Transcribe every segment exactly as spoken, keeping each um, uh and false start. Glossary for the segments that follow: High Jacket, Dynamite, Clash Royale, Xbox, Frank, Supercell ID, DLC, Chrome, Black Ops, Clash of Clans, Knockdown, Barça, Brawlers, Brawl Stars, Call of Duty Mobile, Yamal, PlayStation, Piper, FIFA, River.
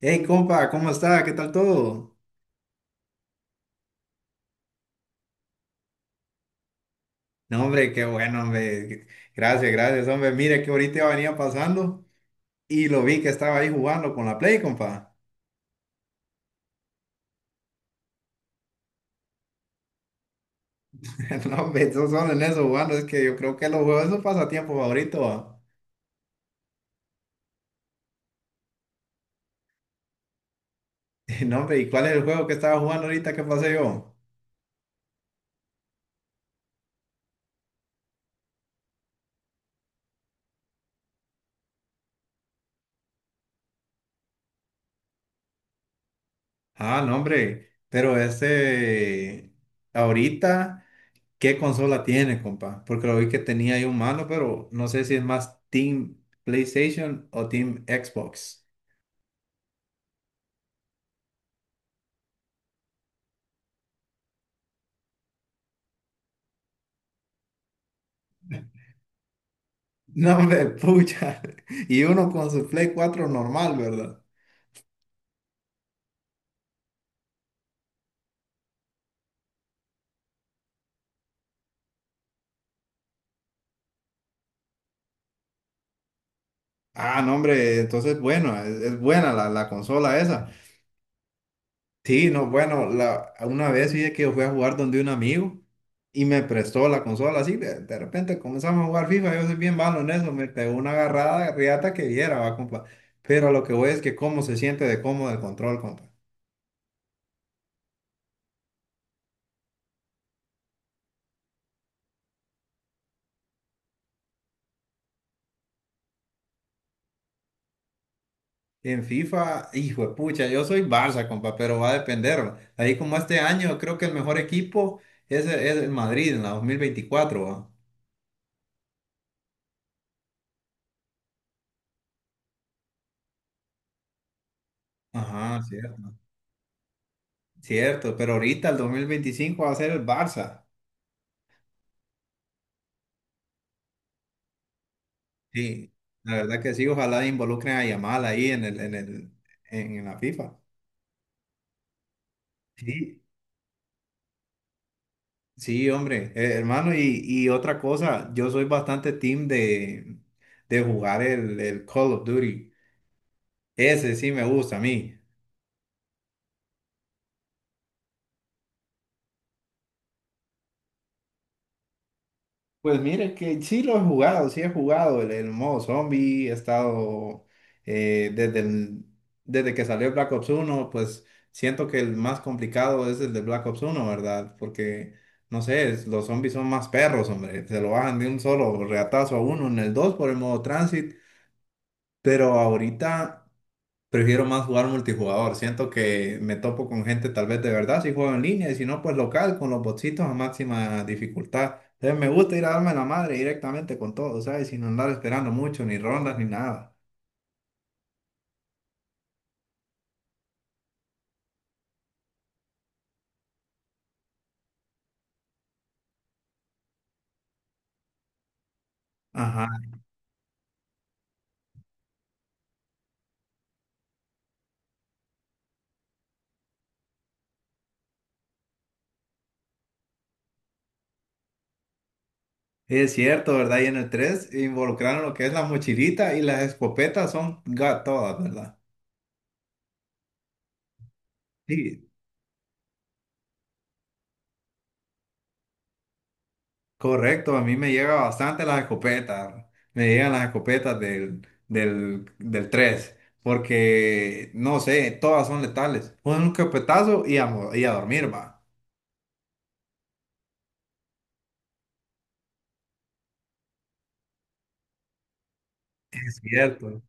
Hey, compa, ¿cómo está? ¿Qué tal todo? No, hombre, qué bueno, hombre. Gracias, gracias, hombre. Mire que ahorita venía pasando y lo vi que estaba ahí jugando con la Play, compa. No, hombre, esos son en eso jugando. Es que yo creo que los juegos es su pasatiempo favorito. va. No, hombre, ¿y cuál es el juego que estaba jugando ahorita que pasé yo? Ah, no, hombre, pero ese... Ahorita, ¿qué consola tiene, compa? Porque lo vi que tenía ahí un mano, pero no sé si es más Team PlayStation o Team Xbox. No, hombre, pucha. Y uno con su Play cuatro normal, ¿verdad? Ah, no, hombre, entonces, bueno, es, es buena la, la consola esa. Sí, no, bueno, la, una vez fíjate que yo fui a jugar donde un amigo y me prestó la consola, así, de, de repente comenzamos a jugar FIFA, yo soy bien malo en eso, me pegó una agarrada riata que viera, va, compa. Pero lo que voy es que cómo se siente de cómodo el control, compa. En FIFA, hijo de pucha, yo soy Barça, compa, pero va a depender. Ahí como este año, creo que el mejor equipo es, es el Madrid en la dos mil veinticuatro. ¿va? Ajá, cierto. Cierto, pero ahorita el dos mil veinticinco va a ser el Barça. Sí, la verdad que sí, ojalá involucren a Yamal ahí en el, en el, en la FIFA. Sí, sí, hombre, eh, hermano, y, y otra cosa, yo soy bastante team de, de jugar el, el Call of Duty. Ese sí me gusta a mí. Pues mire que sí lo he jugado, sí he jugado el, el modo zombie, he estado eh, desde, el- desde que salió Black Ops uno. Pues siento que el más complicado es el de Black Ops uno, ¿verdad? Porque, no sé, es- los zombies son más perros, hombre, se lo bajan de un solo reatazo a uno en el dos por el modo transit, pero ahorita... Prefiero más jugar multijugador. Siento que me topo con gente tal vez de verdad si juego en línea y si no, pues local con los botsitos a máxima dificultad. Entonces me gusta ir a darme la madre directamente con todo, ¿sabes? Sin andar esperando mucho, ni rondas, ni nada. Ajá, es cierto, ¿verdad? Y en el tres involucraron lo que es la mochilita y las escopetas son ga- todas, ¿verdad? Sí, correcto, a mí me llega bastante las escopetas, me llegan las escopetas del, del, del tres, porque no sé, todas son letales. Un escopetazo y a, mo- y a dormir, va. Es cierto.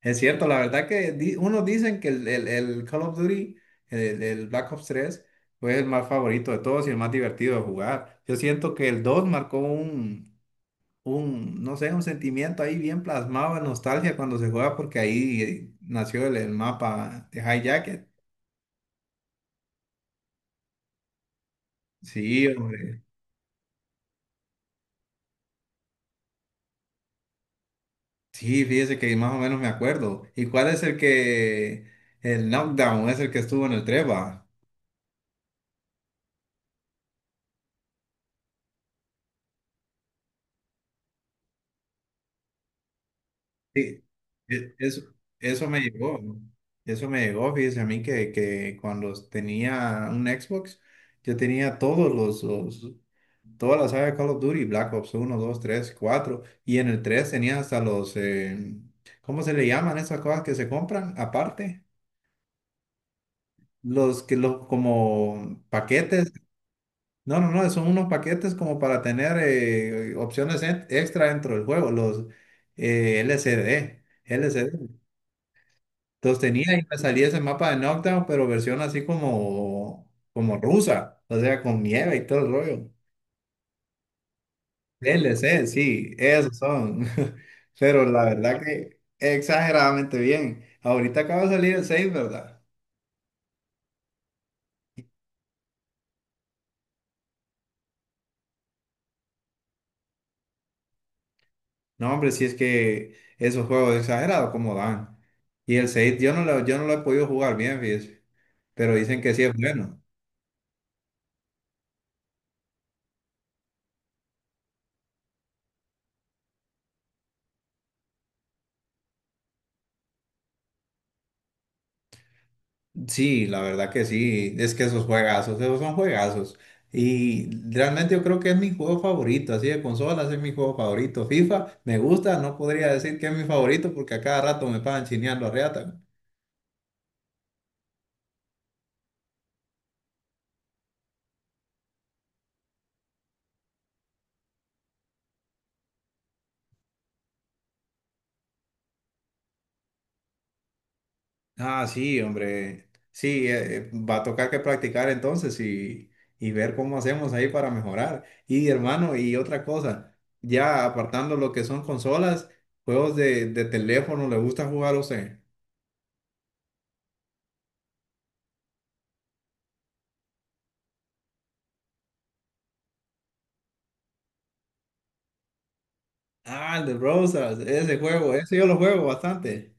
Es cierto, la verdad que di- unos dicen que el, el- el Call of Duty, el, el Black Ops tres fue el más favorito de todos y el más divertido de jugar. Yo siento que el dos marcó un, un, no sé, un sentimiento ahí bien plasmado de nostalgia cuando se juega, porque ahí eh, nació el, el mapa de High Jacket. Sí, hombre. Sí, fíjese que más o menos me acuerdo. ¿Y cuál es el que, el knockdown es el que estuvo en el Treba? Sí, e- eso, eso me llegó, ¿no? Eso me llegó, fíjese a mí que, que cuando tenía un Xbox, yo tenía todos los, los- todas las saga de Call of Duty, Black Ops uno, dos, tres, cuatro, y en el tres tenía hasta los, eh, ¿cómo se le llaman esas cosas que se compran aparte? Los que los como paquetes, no, no, no, son unos paquetes como para tener eh, opciones en- extra dentro del juego, los, eh, L C D. Entonces tenía y me salía ese mapa de Knockdown, pero versión así como, como rusa, o sea, con nieve y todo el rollo. D L C sí, esos son. Pero la verdad que exageradamente bien. Ahorita acaba de salir el seis, ¿verdad? No, hombre, si es que esos juegos exagerados como dan. Y el seis yo no lo, yo no lo he podido jugar bien, fíjese. Pero dicen que sí es bueno. Sí, la verdad que sí, es que esos juegazos, esos son juegazos. Y realmente yo creo que es mi juego favorito, así de consolas es mi juego favorito. FIFA me gusta, no podría decir que es mi favorito porque a cada rato me pagan chineando a reata. Ah, sí, hombre, sí, eh, eh, va a tocar que practicar entonces y, y ver cómo hacemos ahí para mejorar. Y hermano, y otra cosa, ya apartando lo que son consolas, juegos de, de teléfono, ¿le gusta jugar a usted? Ah, el de Browsers, ese juego, ese yo lo juego bastante.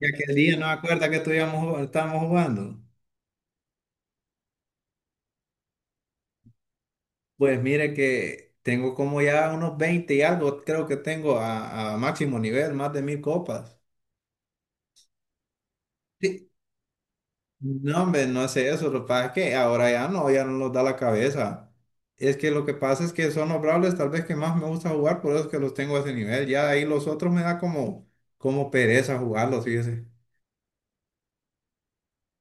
Y aquel día no me acuerdo que estuvimos, ju- estábamos jugando. Pues mire que tengo como ya unos veinte y algo, creo que tengo a, a máximo nivel, más de mil copas. Sí. No, hombre, no sé eso, lo que pasa es que ahora ya no, ya no nos da la cabeza. Es que lo que pasa es que son los Brawlers tal vez que más me gusta jugar, por eso es que los tengo a ese nivel. Ya ahí los otros me da como, como pereza jugarlos, fíjese.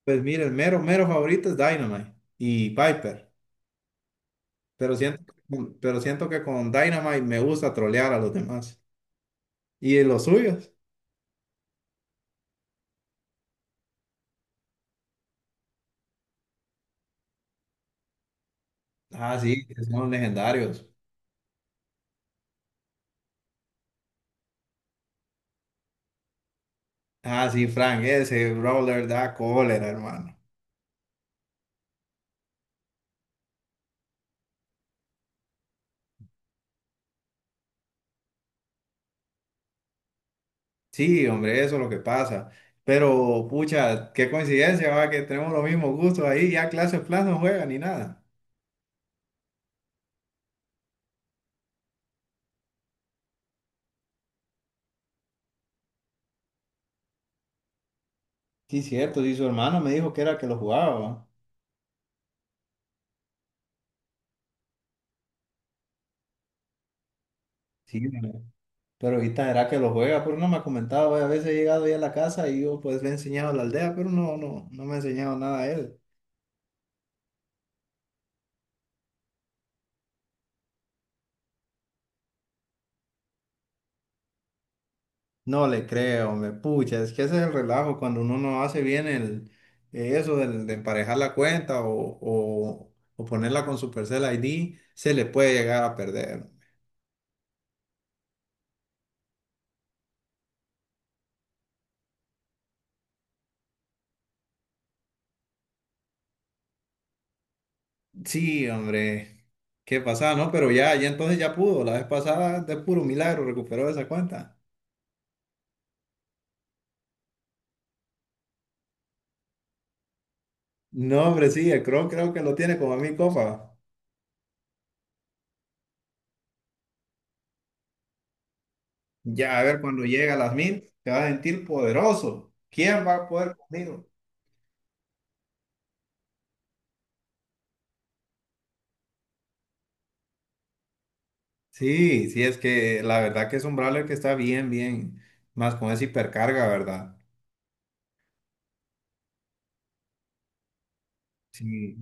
Pues mire, el mero, mero favorito es Dynamite y Piper. Pero siento, pero siento que con Dynamite me gusta trolear a los demás. ¿Y en los suyos? Ah, sí, que son legendarios. Ah, sí, Frank, ese Brawler da cólera, hermano. Sí, hombre, eso es lo que pasa. Pero, pucha, qué coincidencia, va, que tenemos los mismos gustos ahí. Ya clase plan no juega ni nada. Sí, cierto, sí, su hermano me dijo que era que lo jugaba, va. Sí, hombre, pero ahorita era que lo juega, pero no me ha comentado, va, A veces he llegado ahí a la casa y yo pues le he enseñado a la aldea, pero no, no, no me ha enseñado nada a él. No le creo, me pucha, es que ese es el relajo cuando uno no hace bien el, eh, eso del- de emparejar la cuenta o, o, o ponerla con su Supercell i d, se le puede llegar a perder. Sí, hombre, qué pasada, ¿no? Pero ya, ya entonces ya pudo, la vez pasada de puro milagro recuperó esa cuenta. No, hombre, sí, el Chrome creo que lo tiene como a mil copas. Ya, a ver, cuando llega a las mil, te vas a sentir poderoso. ¿Quién va a poder conmigo? Sí, sí, es que la verdad que es un brawler que está bien, bien, más con esa hipercarga, ¿verdad? Sí,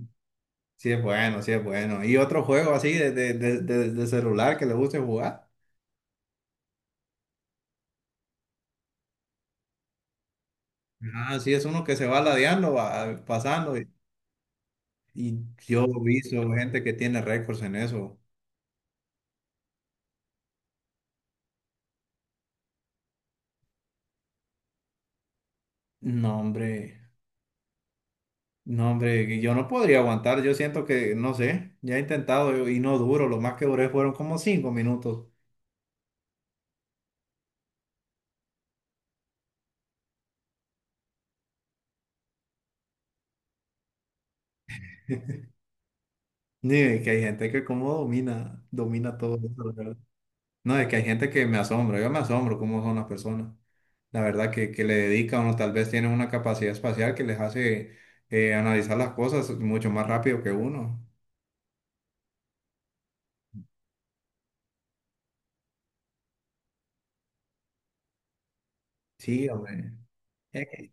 sí es bueno, sí es bueno. ¿Y otro juego así de, de, de, de- de celular que le guste jugar? Ah, sí, es uno que se va ladeando, va pasando. Y, y yo he visto gente que tiene récords en eso. No, hombre, no, hombre, yo no podría aguantar. Yo siento que, no sé, ya he intentado yo, y no duro. Lo más que duré fueron como cinco minutos. Ni que hay gente que como domina, domina todo eso. No, es que hay gente que me asombra, yo me asombro cómo son las personas. La verdad que, que le dedican o tal vez tienen una capacidad espacial que les hace eh, analizar las cosas mucho más rápido que uno. Sí, hombre. Es que-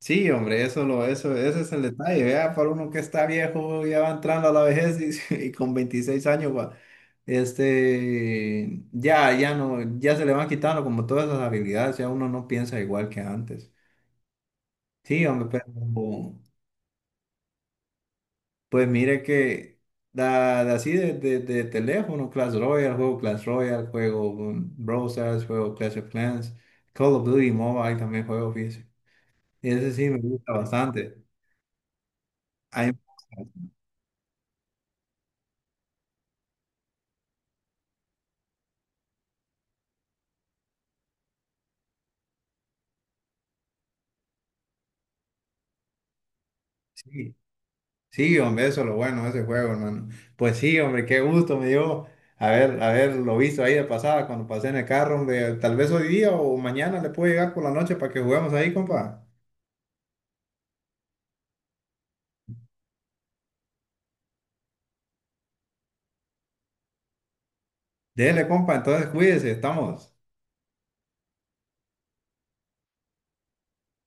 Sí, hombre, eso lo, eso, ese es el detalle. Vea, para uno que está viejo, ya va entrando a la vejez y, y con veintiséis años, va, este, ya, ya no, ya se le van quitando como todas esas habilidades, ya uno no piensa igual que antes. Sí, hombre, pero Pues mire que da, da así de, de, de teléfono, Clash Royale, juego Clash Royale, juego um, Brawl Stars, juego Clash of Clans, Call of Duty Mobile también juego, fíjese. Y ese sí me gusta bastante. Ahí me gusta, sí, sí, hombre, eso es lo bueno de ese juego, hermano. Pues sí, hombre, qué gusto me dio haber, haberlo visto ahí de pasada cuando pasé en el carro, hombre. Tal vez hoy día o mañana le puedo llegar por la noche para que juguemos ahí, compa. Dele, compa, entonces cuídese, estamos.